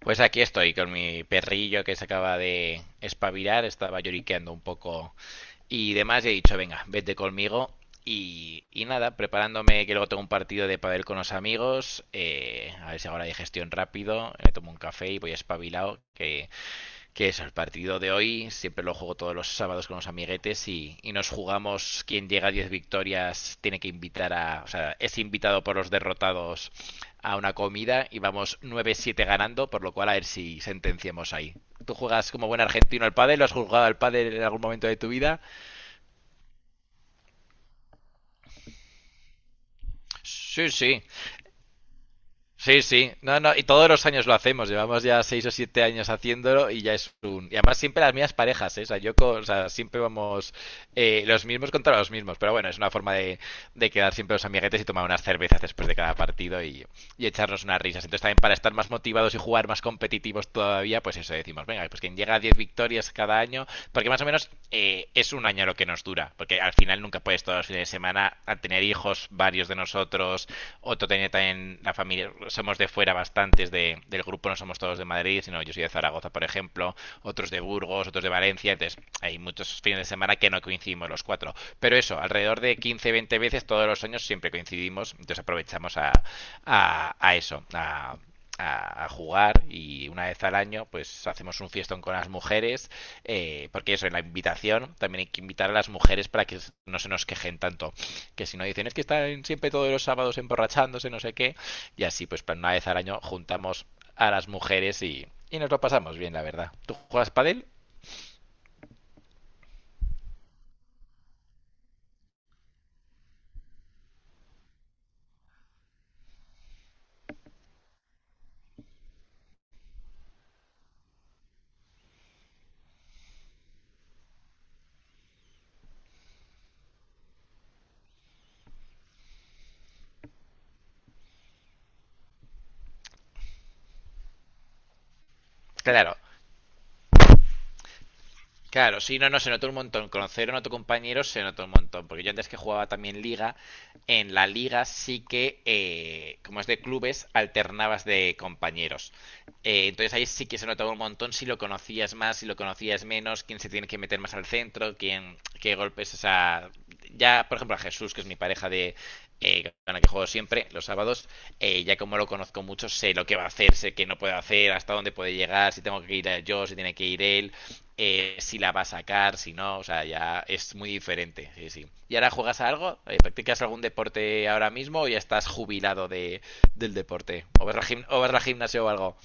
Pues aquí estoy con mi perrillo que se acaba de espabilar, estaba lloriqueando un poco y demás, y he dicho, venga, vete conmigo. Y nada, preparándome que luego tengo un partido de pádel con los amigos, a ver si hago la digestión rápido, me tomo un café y voy espabilado, que es el partido de hoy, siempre lo juego todos los sábados con los amiguetes y nos jugamos quien llega a 10 victorias tiene que invitar a, o sea, es invitado por los derrotados a una comida y vamos 9-7 ganando, por lo cual a ver si sentenciamos ahí. ¿Tú juegas como buen argentino al pádel? ¿Lo has jugado al pádel en algún momento de tu vida? Sí, sí. Sí, sí, no, no, y todos los años lo hacemos, llevamos ya 6 o 7 años haciéndolo y ya es un... Y además siempre las mismas parejas, ¿eh? O sea, yo, o sea, siempre vamos los mismos contra los mismos, pero bueno, es una forma de quedar siempre los amiguetes y tomar unas cervezas después de cada partido y echarnos unas risas. Entonces también para estar más motivados y jugar más competitivos todavía, pues eso decimos, venga, pues quien llega a 10 victorias cada año, porque más o menos es un año lo que nos dura, porque al final nunca puedes todos los fines de semana, al tener hijos varios de nosotros, todos, otro tenía también la familia, somos de fuera bastantes del grupo, no somos todos de Madrid, sino yo soy de Zaragoza, por ejemplo, otros de Burgos, otros de Valencia, entonces hay muchos fines de semana que no coincidimos los cuatro. Pero eso, alrededor de 15-20 veces todos los años siempre coincidimos, entonces aprovechamos a eso, jugar y una vez al año pues hacemos un fiestón con las mujeres porque eso en la invitación también hay que invitar a las mujeres para que no se nos quejen tanto que si no dicen es que están siempre todos los sábados emborrachándose, no sé qué, y así pues una vez al año juntamos a las mujeres y nos lo pasamos bien, la verdad. ¿Tú juegas padel? Claro, claro, sí, no, no, se notó un montón. Conocer a otro compañero se notó un montón. Porque yo antes que jugaba también liga, en la liga sí que, como es de clubes, alternabas de compañeros. Entonces ahí sí que se notaba un montón si lo conocías más, si lo conocías menos, quién se tiene que meter más al centro, quién, qué golpes, o sea, ya, por ejemplo, a Jesús, que es mi pareja de, con la que juego siempre, los sábados, ya como lo conozco mucho, sé lo que va a hacer, sé qué no puede hacer, hasta dónde puede llegar, si tengo que ir yo, si tiene que ir él, si la va a sacar, si no, o sea, ya es muy diferente, sí, sí. ¿Y ahora juegas a algo? ¿Practicas algún deporte ahora mismo o ya estás jubilado de, del deporte? ¿O vas, o vas al gimnasio o algo?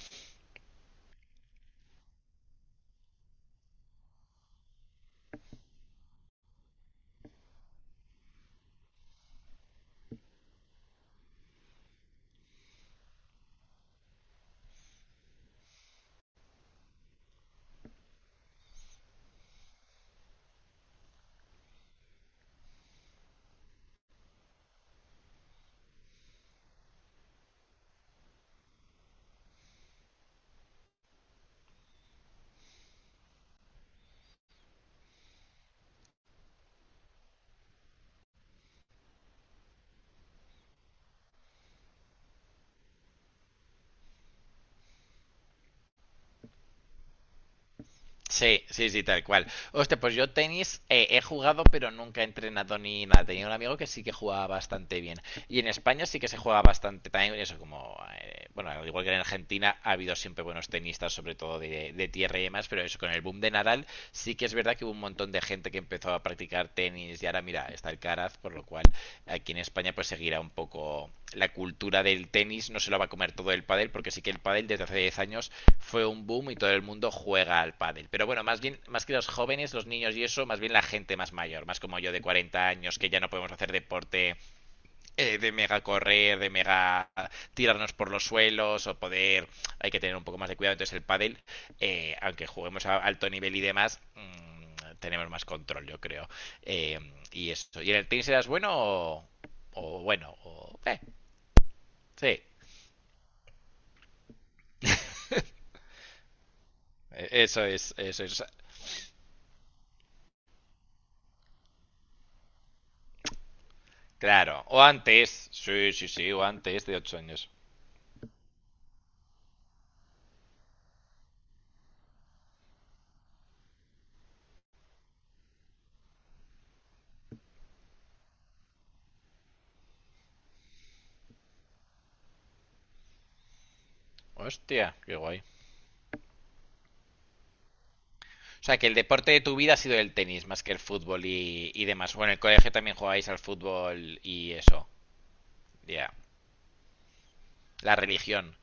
Sí, sí, sí, tal cual. Hostia, pues yo tenis he jugado, pero nunca he entrenado ni nada. Tenía un amigo que sí que jugaba bastante bien. Y en España sí que se juega bastante también. Eso, como, bueno, al igual que en Argentina, ha habido siempre buenos tenistas, sobre todo de tierra y demás. Pero eso, con el boom de Nadal, sí que es verdad que hubo un montón de gente que empezó a practicar tenis. Y ahora, mira, está el Caraz, por lo cual aquí en España pues seguirá un poco la cultura del tenis, no se lo va a comer todo el pádel, porque sí que el pádel desde hace 10 años fue un boom y todo el mundo juega al pádel. Pero bueno, más bien, más que los jóvenes, los niños y eso, más bien la gente más mayor, más como yo de 40 años, que ya no podemos hacer deporte de mega correr, de mega tirarnos por los suelos o poder, hay que tener un poco más de cuidado. Entonces el pádel, aunque juguemos a alto nivel y demás, tenemos más control, yo creo. Eh, y eso. ¿Y en el tenis eras bueno o bueno? Sí. Eso es, eso es. Claro. O antes. Sí, sí, sí, o antes de 8 años. Hostia, qué guay. O sea, que el deporte de tu vida ha sido el tenis más que el fútbol y demás. Bueno, en el colegio también jugabais al fútbol y eso. Yeah. La religión.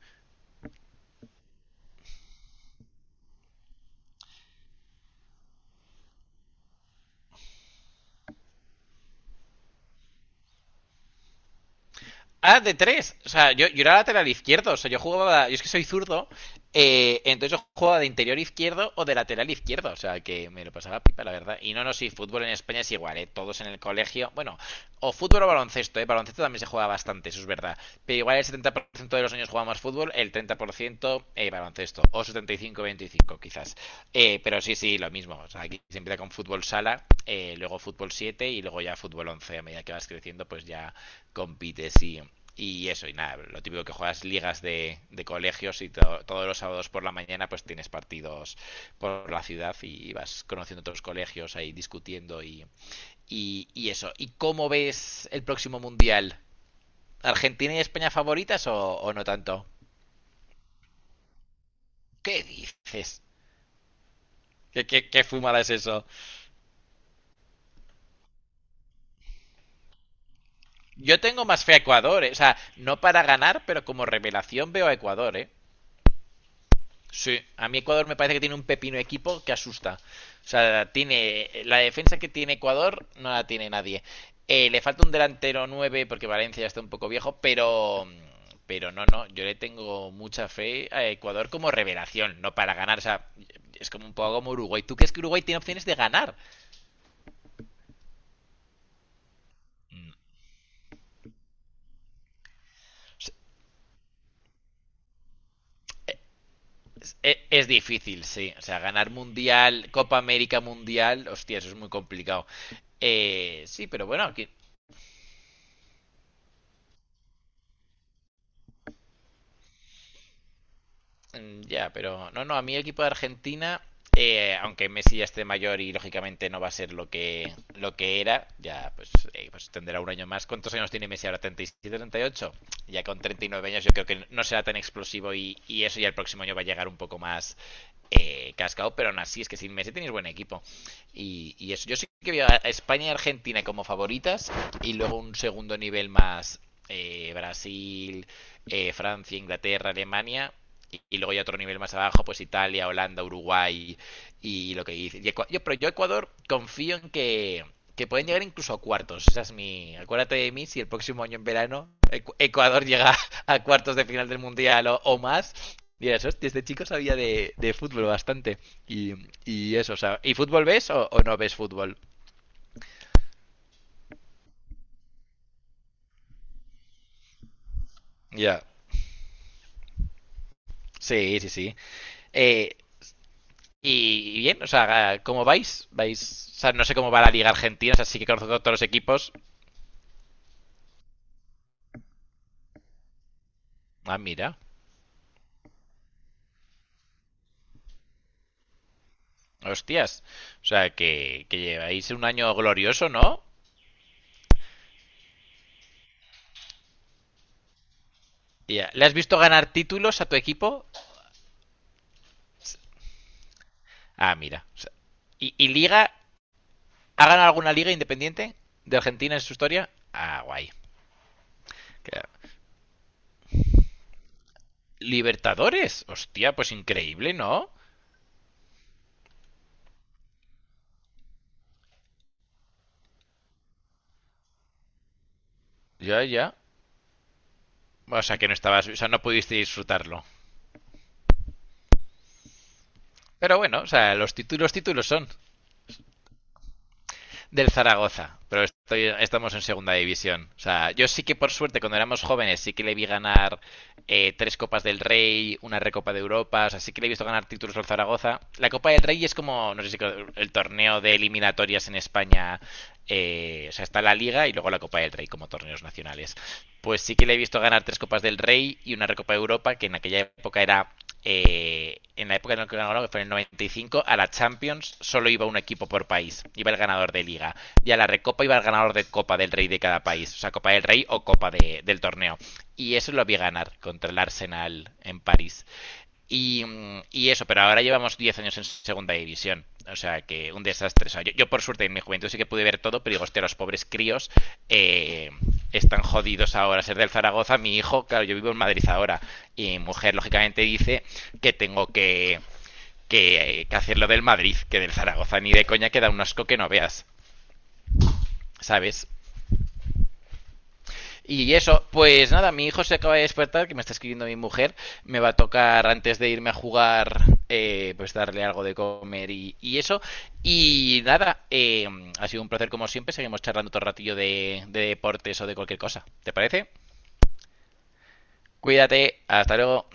Ah, de tres. O sea, yo era lateral izquierdo. O sea, yo jugaba. Yo es que soy zurdo. Entonces yo jugaba de interior izquierdo o de lateral izquierdo. O sea, que me lo pasaba pipa, la verdad. Y no, no, sí, fútbol en España es igual, ¿eh? Todos en el colegio. Bueno, o fútbol o baloncesto, ¿eh? Baloncesto también se juega bastante, eso es verdad. Pero igual el 70% de los años jugamos fútbol, el 30% baloncesto. O 75-25, quizás. Pero sí, sí, lo mismo. O sea, aquí se empieza con fútbol sala, luego fútbol 7 y luego ya fútbol once. A medida que vas creciendo, pues ya compites y eso, y nada, lo típico que juegas ligas de colegios y todos los sábados por la mañana pues tienes partidos por la ciudad y vas conociendo otros colegios ahí discutiendo y eso. ¿Y cómo ves el próximo mundial? ¿Argentina y España favoritas o no tanto? ¿Qué dices? Qué fumada es eso? Yo tengo más fe a Ecuador, eh. O sea, no para ganar, pero como revelación veo a Ecuador, ¿eh? Sí, a mí Ecuador me parece que tiene un pepino equipo que asusta. O sea, tiene la defensa que tiene Ecuador no la tiene nadie. Le falta un delantero 9 porque Valencia ya está un poco viejo, pero no, no, yo le tengo mucha fe a Ecuador como revelación, no para ganar, o sea, es como un poco como Uruguay. ¿Tú crees que Uruguay tiene opciones de ganar? Es, es difícil, sí. O sea, ganar Mundial, Copa América Mundial, hostia, eso es muy complicado. Sí, pero bueno, aquí. Mm. Ya, pero no, no, a mí el equipo de Argentina, aunque Messi ya esté mayor y lógicamente no va a ser lo que era, ya pues, pues tendrá un año más. ¿Cuántos años tiene Messi ahora? ¿37, 38? Ya con 39 años yo creo que no será tan explosivo y eso ya el próximo año va a llegar un poco más cascado, pero aún así es que sin Messi tenéis buen equipo. Y eso, yo sí que veo a España y Argentina como favoritas y luego un segundo nivel más Brasil, Francia, Inglaterra, Alemania y luego ya otro nivel más abajo, pues Italia, Holanda, Uruguay y lo que dice. Y yo, pero yo Ecuador confío en que pueden llegar incluso a cuartos. Esa es mi... Acuérdate de mí si el próximo año en verano Ecuador llega a cuartos de final del Mundial o más. Dirás, hostia, este chico sabía de fútbol bastante. Y, y eso, o sea, ¿y fútbol ves o no ves fútbol? Ya. Sí, sí, sí. Eh, y y bien, o sea, ¿cómo vais? ¿Vais? O sea, no sé cómo va la Liga Argentina, o sea, sí que conozco todos los equipos. Ah, mira. Hostias. O sea, que lleváis un año glorioso, ¿no? Ya. ¿Le has visto ganar títulos a tu equipo? Ah, mira. O sea, y liga? ¿Ha ganado alguna liga independiente de Argentina en su historia? Ah, guay. Que- Libertadores. Hostia, pues increíble, ¿no? Ya, ya. O sea, que no estabas, o sea, no pudiste disfrutarlo. Pero bueno, o sea, los títulos, títulos son. Del Zaragoza, pero estoy, estamos en segunda división. O sea, yo sí que por suerte cuando éramos jóvenes sí que le vi ganar tres Copas del Rey, una Recopa de Europa, o sea, sí que le he visto ganar títulos al Zaragoza. La Copa del Rey es como, no sé si el torneo de eliminatorias en España o sea, está la Liga y luego la Copa del Rey como torneos nacionales, pues sí que le he visto ganar tres Copas del Rey y una Recopa de Europa, que en aquella época era, en la época en la que ganó, ¿no? Que fue en el 95, a la Champions solo iba un equipo por país, iba el ganador de liga, y a la Recopa iba el ganador de Copa del Rey de cada país, o sea, Copa del Rey o Copa de, del torneo. Y eso lo vi ganar contra el Arsenal en París. Y, y, eso, pero ahora llevamos 10 años en segunda división. O sea, que un desastre. O sea, yo, por suerte en mi juventud sí que pude ver todo, pero digo, hostia, los pobres críos eh, están jodidos ahora. Ser del Zaragoza, mi hijo, claro, yo vivo en Madrid ahora. Y mi mujer, lógicamente, dice que tengo que hacerlo del Madrid, que del Zaragoza ni de coña queda un asco que no veas. ¿Sabes? Y eso, pues nada, mi hijo se acaba de despertar, que me está escribiendo mi mujer. Me va a tocar antes de irme a jugar, pues darle algo de comer y eso. Y nada, ha sido un placer como siempre. Seguimos charlando otro ratillo de deportes o de cualquier cosa. ¿Te parece? Cuídate, hasta luego.